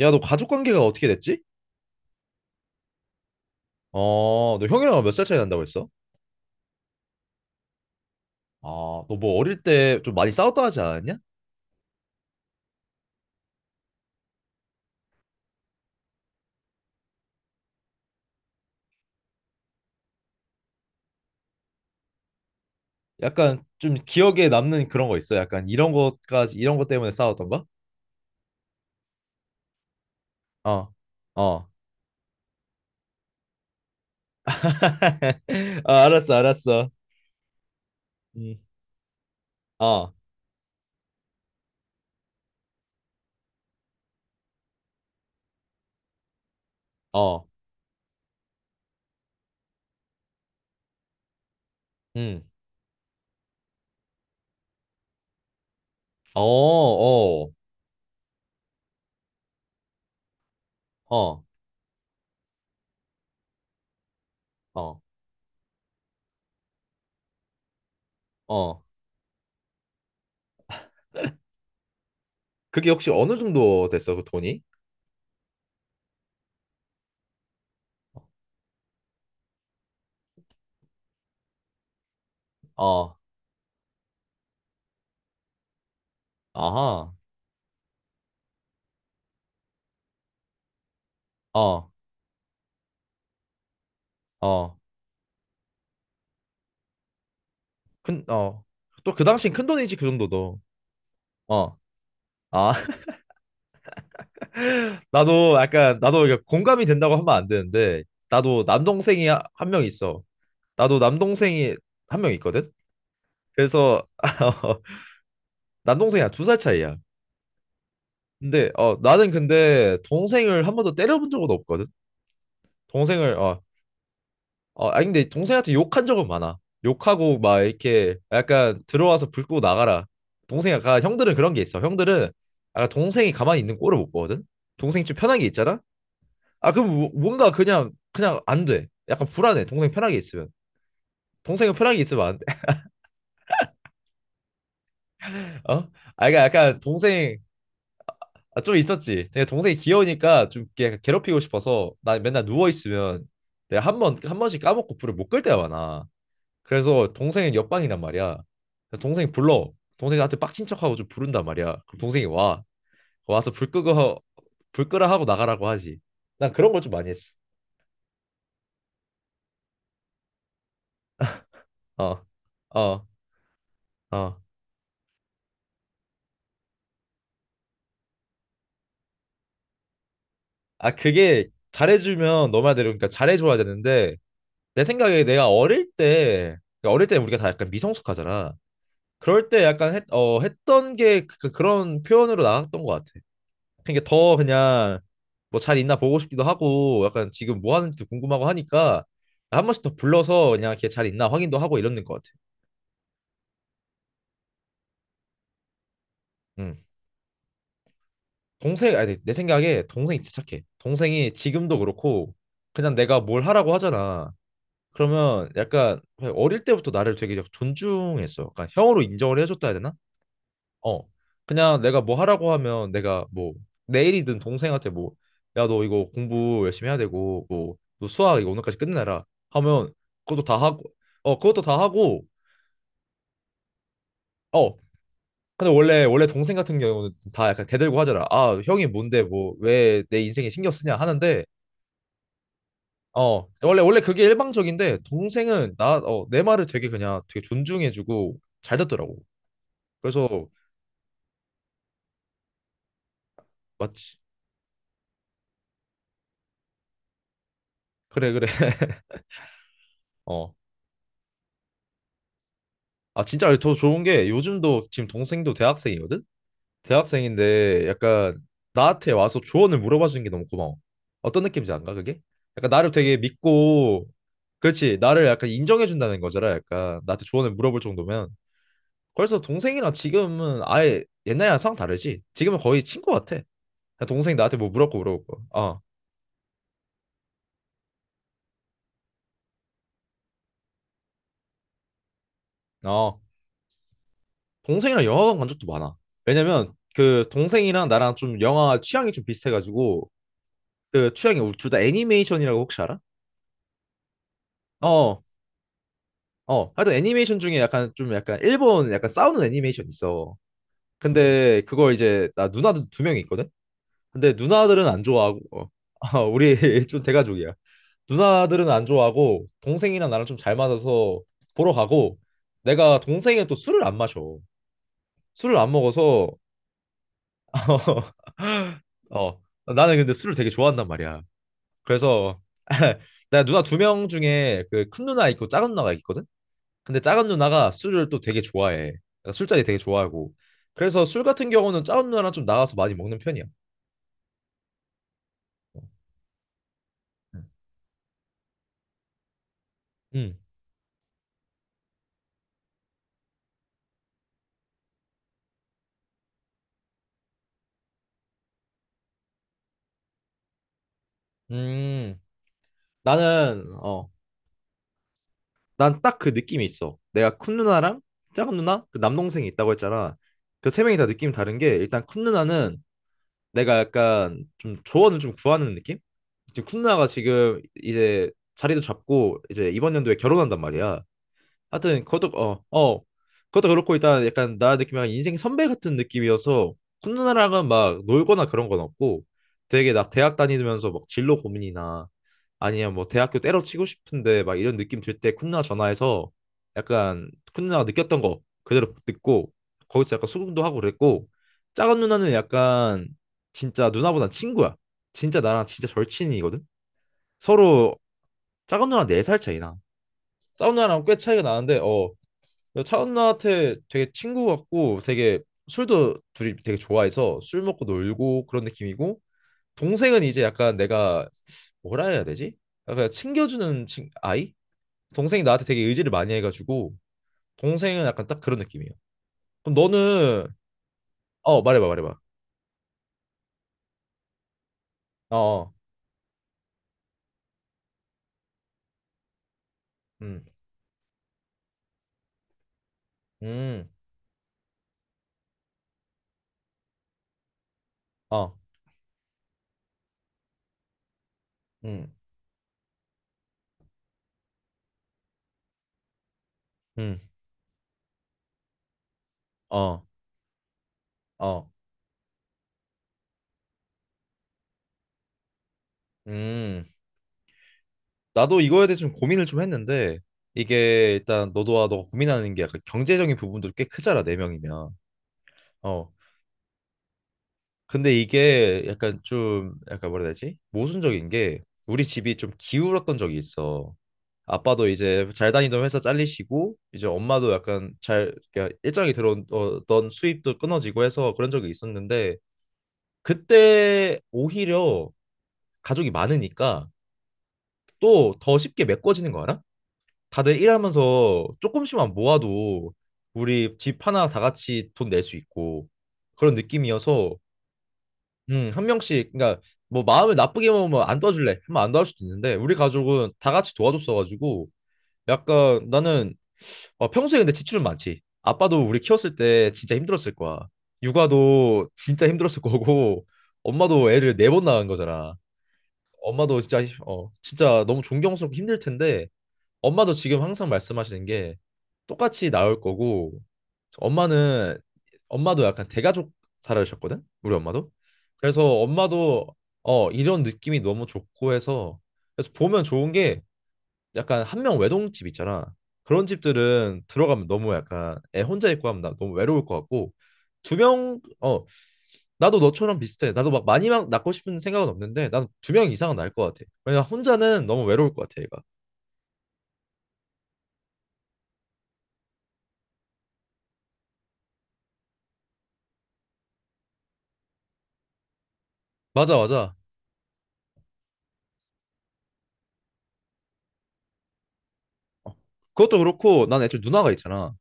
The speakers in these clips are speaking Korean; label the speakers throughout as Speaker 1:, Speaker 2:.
Speaker 1: 야, 너 가족 관계가 어떻게 됐지? 어, 너 형이랑 몇 살 차이 난다고 했어? 아, 너 뭐 어릴 때 좀 많이 싸웠다 하지 않았냐? 약간 좀 기억에 남는 그런 거 있어? 약간 이런 것까지, 이런 것 때문에 싸웠던 가. 어, 어. 아, 알았어, 알았어. 음, 어, 어, 음, 어, 어, 어, 어, 어. 그게 혹시 어느 정도 됐어, 그 돈이? 어, 아하, 어, 어. 큰, 어. 또 그 당시엔 큰 돈이지, 그 정도도. 어. 아, 나도 약간 나도 이게 공감이 된다고 하면 안 되는데 나도 남동생이 1명 있어. 나도 남동생이 한 명 있거든. 그래서 남동생이랑 2살 차이야. 근데 어 나는 근데 동생을 한 번도 때려본 적은 없거든. 동생을 어, 어 아니 근데 동생한테 욕한 적은 많아. 욕하고 막 이렇게 약간 들어와서 불 끄고 나가라. 동생 약간 형들은 그런 게 있어. 형들은 약간 동생이 가만히 있는 꼴을 못 보거든. 동생이 좀 편한 게 있잖아. 아 그럼 뭔가 그냥 그냥 안 돼. 약간 불안해. 동생 편하게 있으면. 동생은 편하게 있으면 안 돼. 어? 아 그러니까 약간 동생. 아, 좀 있었지. 내가 동생이 귀여우니까 좀 이렇게 약간 괴롭히고 싶어서 나 맨날 누워 있으면 내가 한 번씩 까먹고 불을 못 끌 때가 많아. 그래서 동생은 옆방이란 말이야. 그래서 동생이 불러. 동생한테 빡친 척하고 좀 부른단 말이야. 그럼 동생이 와. 와서 불 끄고 불 끄라 하고 나가라고 하지. 난 그런 걸 좀 많이 했어. 어. 어. 어. 아, 그게 잘해주면 너 말대로 그러니까 잘해줘야 되는데 내 생각에 내가 어릴 때 그러니까 어릴 때 우리가 다 약간 미성숙하잖아. 그럴 때 약간 했던 게 그런 표현으로 나왔던 것 같아. 그러니까 더 그냥 뭐 잘 있나 보고 싶기도 하고 약간 지금 뭐 하는지도 궁금하고 하니까 한 번씩 더 불러서 그냥 걔 잘 있나 확인도 하고 이러는 것 같아. 음. 동생 아니 내 생각에 동생이 진짜 착해. 동생이 지금도 그렇고 그냥 내가 뭘 하라고 하잖아. 그러면 약간 어릴 때부터 나를 되게 존중했어. 그러니까 형으로 인정을 해줬다 해야 되나? 어. 그냥 내가 뭐 하라고 하면 내가 뭐 내일이든 동생한테 뭐 야 너 이거 공부 열심히 해야 되고 뭐 너 수학 이거 오늘까지 끝내라 하면 그것도 다 하고 어 그것도 다 하고. 어 근데 원래 동생 같은 경우는 다 약간 대들고 하잖아. 아 형이 뭔데 뭐 왜 내 인생에 신경 쓰냐 하는데 어 원래 그게 일방적인데 동생은 나 어 내 말을 되게 그냥 되게 존중해주고 잘 듣더라고. 그래서 마치. 그래 그래 어. 아 진짜 더 좋은 게 요즘도 지금 동생도 대학생이거든? 대학생인데 약간 나한테 와서 조언을 물어봐 주는 게 너무 고마워. 어떤 느낌인지 안가 그게? 약간 나를 되게 믿고. 그렇지 나를 약간 인정해 준다는 거잖아. 약간 나한테 조언을 물어볼 정도면. 그래서 동생이랑 지금은 아예 옛날이랑 상 다르지? 지금은 거의 친구 같아. 그냥 동생이 나한테 뭐 물었고 물어보고. 어. 어. 동생이랑 영화관 간 적도 많아. 왜냐면 그 동생이랑 나랑 좀 영화 취향이 좀 비슷해가지고 그 취향이 우리 둘 다 애니메이션이라고 혹시 알아? 어, 어. 하여튼 애니메이션 중에 약간 좀 약간 일본 약간 싸우는 애니메이션 있어. 근데 그거 이제 나 누나들 두 명이 있거든? 근데 누나들은 안 좋아하고 어, 아, 우리 좀 대가족이야. 누나들은 안 좋아하고 동생이랑 나랑 좀 잘 맞아서 보러 가고 내가 동생은 또 술을 안 마셔. 술을 안 먹어서 어, 나는 근데 술을 되게 좋아한단 말이야. 그래서 나 누나 2명 중에 그 큰 누나 있고 작은 누나가 있거든. 근데 작은 누나가 술을 또 되게 좋아해. 그러니까 술자리 되게 좋아하고. 그래서 술 같은 경우는 작은 누나랑 좀 나가서 많이 먹는 편이야. 음. 음. 음. 나는 어, 난 딱 그 느낌이 있어. 내가 큰 누나랑 작은 누나, 그 남동생이 있다고 했잖아. 그 세 명이 다 느낌이 다른 게 일단 큰 누나는 내가 약간 좀 조언을 좀 구하는 느낌? 지금 쿤나가 지금 이제 자리도 잡고 이제 이번 연도에 결혼한단 말이야. 하여튼 그것도 어, 어. 그것도 그렇고 일단 약간 나 느낌이 약간 인생 선배 같은 느낌이어서 쿤누나랑은 막 놀거나 그런 건 없고 되게 나 대학 다니면서 막 진로 고민이나 아니면 뭐 대학교 때려치고 싶은데 막 이런 느낌 들 때 쿤누나 전화해서 약간 쿤누나가 느꼈던 거 그대로 듣고 거기서 약간 수긍도 하고 그랬고 작은 누나는 약간 진짜 누나보단 친구야. 진짜 나랑 진짜 절친이거든. 서로 작은 누나 4살 차이나. 작은 누나랑 꽤 차이가 나는데 어 차은 나한테 되게 친구 같고 되게 술도 둘이 되게 좋아해서 술 먹고 놀고 그런 느낌이고 동생은 이제 약간 내가 뭐라 해야 되지? 약간 챙겨주는 친 아이? 동생이 나한테 되게 의지를 많이 해가지고 동생은 약간 딱 그런 느낌이에요. 그럼 너는. 어 말해봐 말해봐. 어, 어. 음, 음, 어, 음, 음, 어, 어, 음. 나도 이거에 대해서 좀 고민을 좀 했는데 이게 일단 너도와 너가 고민하는 게 약간 경제적인 부분도 꽤 크잖아 네 명이면. 어. 근데 이게 약간 좀 약간 뭐라 해야 되지? 모순적인 게 우리 집이 좀 기울었던 적이 있어. 아빠도 이제 잘 다니던 회사 잘리시고 이제 엄마도 약간 잘 그러니까 일정이 들어오던 수입도 끊어지고 해서 그런 적이 있었는데 그때 오히려 가족이 많으니까 또 더 쉽게 메꿔지는 거 알아? 다들 일하면서 조금씩만 모아도 우리 집 하나 다 같이 돈 낼 수 있고 그런 느낌이어서 한 명씩, 그러니까 뭐 마음을 나쁘게 먹으면 안 도와줄래 하면 안 도와줄 수도 있는데 우리 가족은 다 같이 도와줬어가지고 약간 나는 어, 평소에 근데 지출은 많지. 아빠도 우리 키웠을 때 진짜 힘들었을 거야. 육아도 진짜 힘들었을 거고 엄마도 애를 4번 낳은 거잖아. 엄마도 진짜 어 진짜 너무 존경스럽고 힘들 텐데 엄마도 지금 항상 말씀하시는 게 똑같이 나올 거고 엄마는 엄마도 약간 대가족 살아셨거든 우리 엄마도. 그래서 엄마도 어 이런 느낌이 너무 좋고 해서 그래서 보면 좋은 게 약간 1명 외동집 있잖아 그런 집들은 들어가면 너무 약간 애 혼자 있고 하면 나 너무 외로울 것 같고 두 명 어 나도 너처럼 비슷해 나도 막 많이 막 낳고 싶은 생각은 없는데 난 2명 이상은 낳을 것 같아 왜냐 혼자는 너무 외로울 것 같아 얘가. 맞아 맞아. 그것도 그렇고 난 애초에 누나가 있잖아.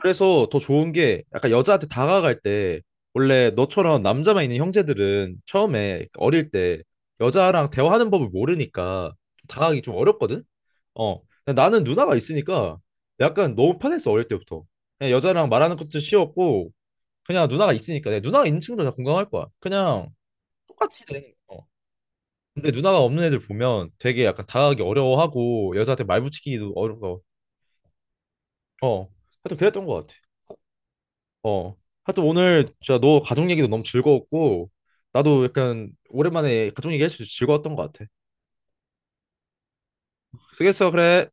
Speaker 1: 그래서 더 좋은 게 약간 여자한테 다가갈 때 원래 너처럼 남자만 있는 형제들은 처음에 어릴 때 여자랑 대화하는 법을 모르니까 좀 다가가기 좀 어렵거든? 어. 근데 나는 누나가 있으니까 약간 너무 편했어 어릴 때부터. 그냥 여자랑 말하는 것도 쉬웠고 그냥 누나가 있으니까 내 누나가 있는 친구들 다 공감할 거야. 그냥 똑같이 되는 거. 근데 누나가 없는 애들 보면 되게 약간 다가가기 어려워하고 여자한테 말 붙이기도 어려워. 어. 하여튼 그랬던 것 같아. 어. 하여튼 오늘 진짜 너 가족 얘기도 너무 즐거웠고 나도 약간 오랜만에 가족 얘기할 수 있어서 즐거웠던 것 같아. 수고했어, 그래.